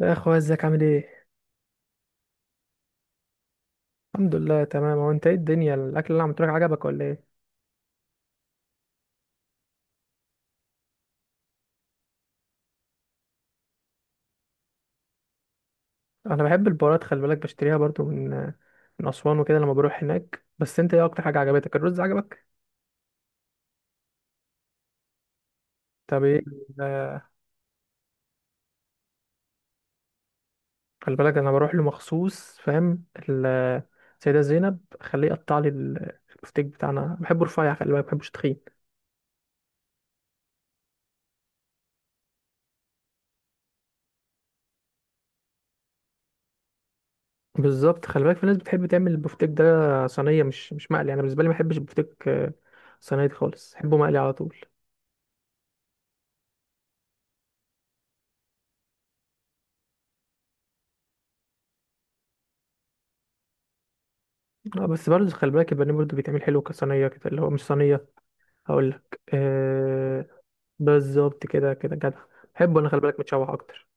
يا اخويا، ازيك؟ عامل ايه؟ الحمد لله، تمام. هو انت ايه الدنيا؟ الاكل اللي انا عملته لك عجبك ولا ايه؟ انا بحب البهارات، خلي بالك بشتريها برضو من اسوان وكده لما بروح هناك. بس انت ايه اكتر حاجه عجبتك؟ الرز عجبك؟ طب ايه خلي بالك انا بروح له مخصوص، فاهم السيده زينب، خليه يقطع لي البفتيك بتاعنا، بحبه رفيع، خلي بالك ما بحبوش تخين. بالظبط، خلي بالك في ناس بتحب تعمل البفتيك ده صينيه مش مقلي. انا بالنسبه لي ما بحبش البفتيك صينيه خالص، بحبه مقلي على طول. اه، بس برضه خلي بالك البانيه برضه بيتعمل حلو كصينية كده، اللي هو مش صينية. هقول لك بالظبط كده، كده جدع، بحبه انا، خلي بالك متشوح اكتر.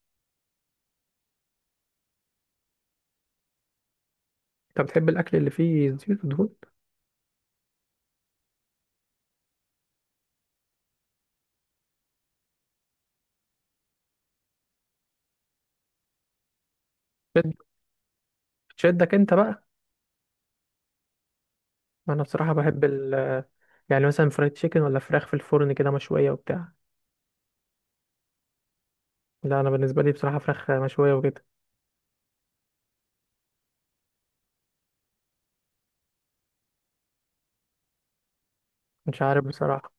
انت بتحب الاكل اللي فيه زيوت ودهون؟ بت- بتشدك انت بقى؟ انا بصراحة بحب ال آه، يعني مثلا فرايد تشيكن ولا فراخ في الفرن كده مشوية وبتاع؟ لا انا بالنسبة لي بصراحة فراخ مشوية وكده. مش عارف بصراحة.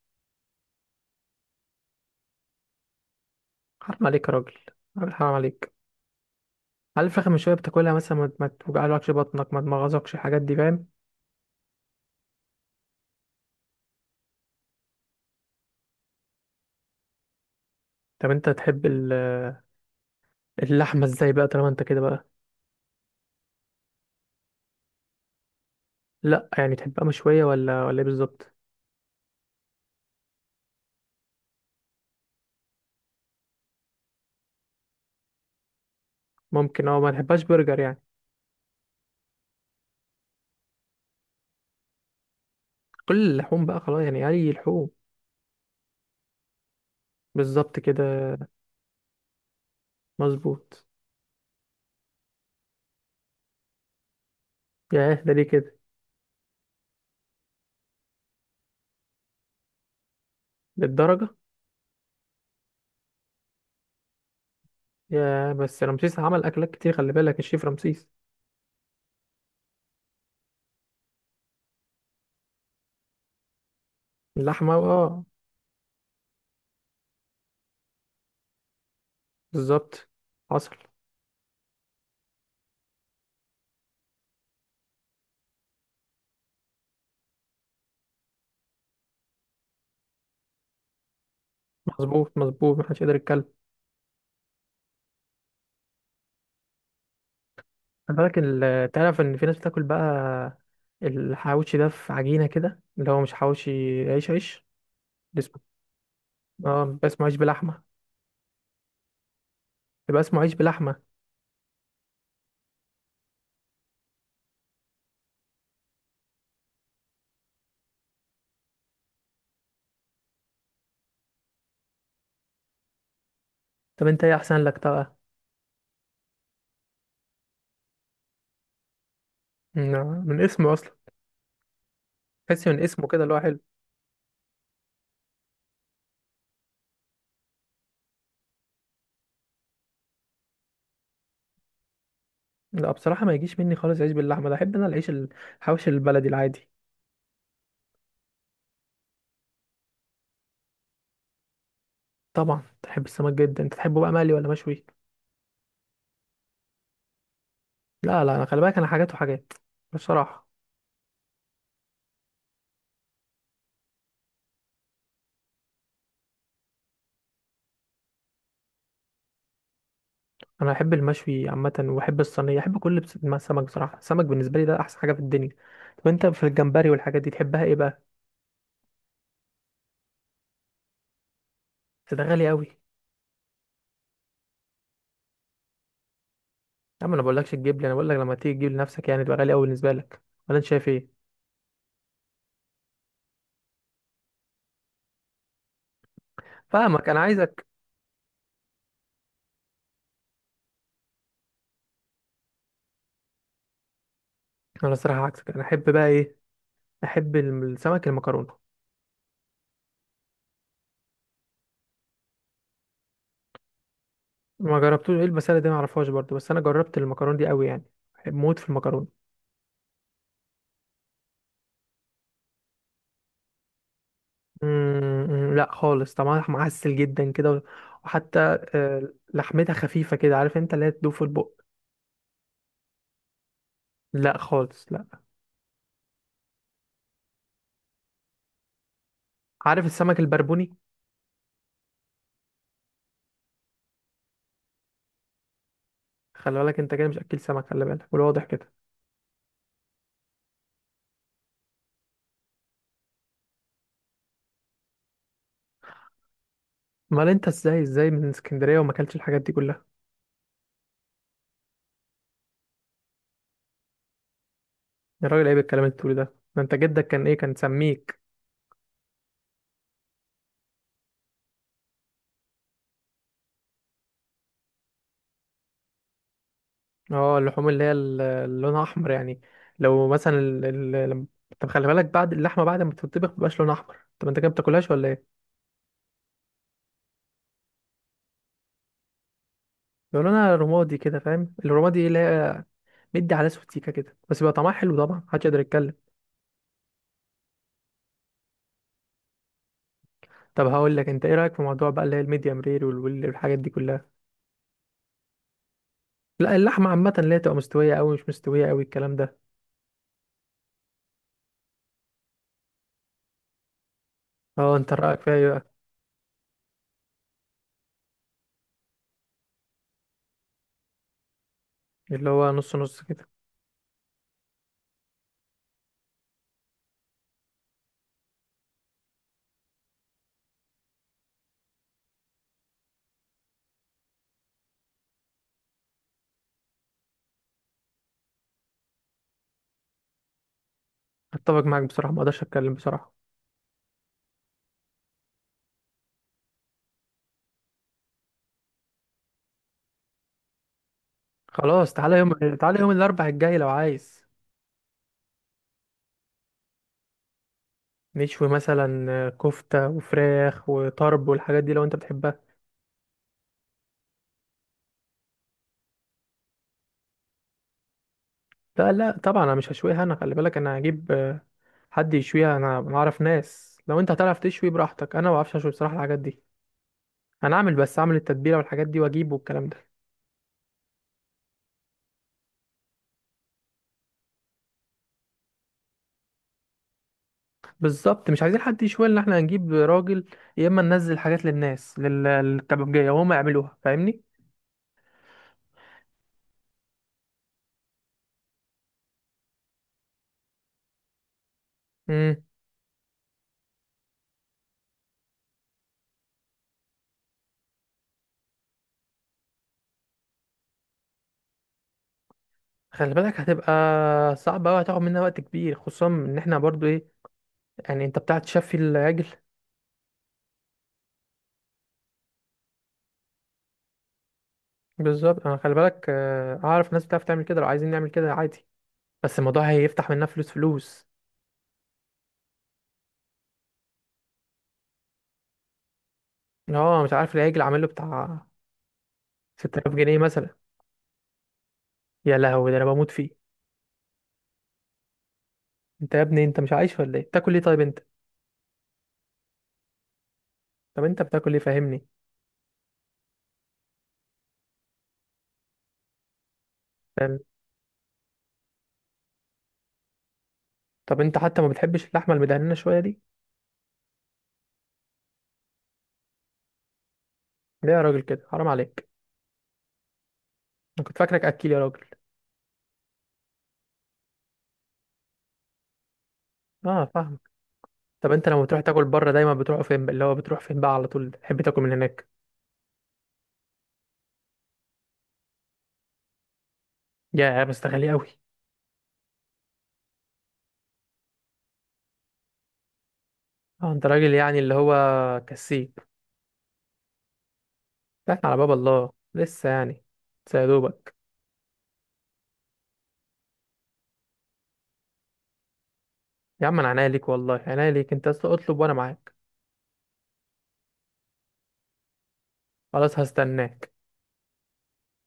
حرام عليك يا راجل حرام عليك. هل الفراخ المشوية بتاكلها مثلا ما توجعلكش بطنك، ما تمغزكش؟ الحاجات دي، فاهم؟ طب انت تحب اللحمة ازاي بقى، طالما انت كده بقى؟ لا يعني تحبها مشوية ولا ايه بالظبط؟ ممكن، ما تحبهاش برجر يعني؟ كل اللحوم بقى خلاص؟ يعني اي لحوم؟ بالظبط كده، مظبوط. ياه، ده ليه كده؟ للدرجة؟ ياه، بس رمسيس عمل اكلات كتير، خلي بالك، الشيف رمسيس. اللحمة، اه. بالظبط، حصل. مظبوط، مظبوط، محدش يقدر يتكلم. خلي بالك تعرف ان في ناس بتاكل بقى الحواوشي ده في عجينة كده، اللي هو مش حواوشي. عيش، عيش. ده اسمه، اه، بيبقى اسمه عيش بلحمة. بيبقى اسمه عيش بلحمة. طب انت ايه احسن لك طبعا؟ نعم، من اسمه اصلا. تحسي من اسمه كده اللي هو حلو. لا بصراحه ما يجيش مني خالص عيش باللحمه ده، احب انا العيش الحوش البلدي العادي. طبعا تحب السمك جدا. انت تحبه بقى مقلي ولا مشوي؟ لا لا، انا خلي بالك انا حاجات وحاجات، بصراحه. انا احب المشوي عامه، واحب الصينيه، احب كل ما السمك بصراحه، السمك بالنسبه لي ده احسن حاجه في الدنيا. طب انت في الجمبري والحاجات دي تحبها ايه بقى؟ بس ده غالي قوي، يا عم. انا بقولكش تجيب لي، انا بقول لك لما تيجي تجيب لنفسك، يعني تبقى غالي قوي بالنسبه لك، ولا انت شايف ايه؟ فاهمك، انا عايزك. انا الصراحه عكسك، انا احب بقى ايه؟ احب السمك المكرونه. ما جربتوش؟ ايه المساله دي؟ ما اعرفهاش برضو، بس انا جربت المكرونه دي قوي يعني، بحب موت في المكرونه. لا خالص طبعا، معسل جدا كده، وحتى لحمتها خفيفه كده، عارف انت اللي هي تدوب في البق. لا خالص، لا. عارف السمك البربوني؟ خلي بالك انت كده مش اكل سمك، خلي بالك، والواضح كده. امال انت ازاي من اسكندريه وما اكلتش الحاجات دي كلها؟ يا راجل، عيب الكلام اللي بتقوله ده. ده انت جدك كان ايه، كان سميك. اه، اللحوم اللي هي اللي لونها احمر يعني. لو مثلا ال... ال... لم- طب خلي بالك بعد اللحمه، بعد ما بتطبخ مبقاش لونها احمر. طب انت كده بتاكلهاش ولا ايه؟ بيبقى لونها رمادي كده، فاهم، الرمادي اللي هي مدي على اسود سيكه كده، بس بيبقى طعمها حلو طبعا، محدش يقدر يتكلم. طب هقول لك انت ايه رايك في موضوع بقى، اللي هي الميديم رير والحاجات دي كلها؟ لا اللحمه عامه، اللي هي تبقى مستويه قوي، مش مستويه قوي، الكلام ده. اه انت رايك فيها ايه بقى؟ اللي هو نص نص كده. اتفق معاك بصراحه، ما اقدرش اتكلم بصراحه. خلاص تعالى يوم، الاربع الجاي لو عايز. نشوي مثلا كفتة وفراخ وطرب والحاجات دي، لو انت بتحبها. لا لا طبعا انا مش هشويها، انا خلي بالك انا هجيب حد يشويها. أنا اعرف ناس، لو انت هتعرف تشوي براحتك. انا ما بعرفش اشوي بصراحة الحاجات دي. انا اعمل بس اعمل التتبيلة والحاجات دي، واجيب والكلام ده. بالظبط، مش عايزين حد يشوي لنا، احنا هنجيب راجل، يا اما ننزل حاجات للناس، للكبابجية وهم يعملوها، فاهمني؟ امم خلي بالك هتبقى صعبة أوي، هتاخد مننا وقت كبير، خصوصا ان احنا برضو ايه، يعني انت بتاع تشفي العجل؟ بالظبط، انا خلي بالك اعرف ناس بتعرف تعمل كده، لو عايزين نعمل كده عادي، بس الموضوع هيفتح منها فلوس، فلوس. اه، مش عارف، العجل عامل له بتاع 6000 جنيه مثلا. يا لهوي، ده انا بموت فيه. انت يا ابني، انت مش عايش ولا ايه؟ بتاكل ايه طيب انت؟ طب انت بتاكل ايه، فاهمني؟ فاهم؟ طب انت حتى ما بتحبش اللحمه المدهنه شويه دي؟ ليه يا راجل كده، حرام عليك. انا كنت فاكرك اكيل يا راجل. اه فاهمك. طب انت لما بتروح تاكل بره دايما بتروح فين بقى؟ اللي هو بتروح فين بقى على طول، تحب تاكل من هناك؟ يا، بس ده غالي قوي. اه انت راجل يعني، اللي هو كسيب. ده على باب الله لسه يعني، لسه يا دوبك. يا عم، انا عناية ليك والله، عناية ليك، انت اصلا اطلب وانا معاك. خلاص هستناك.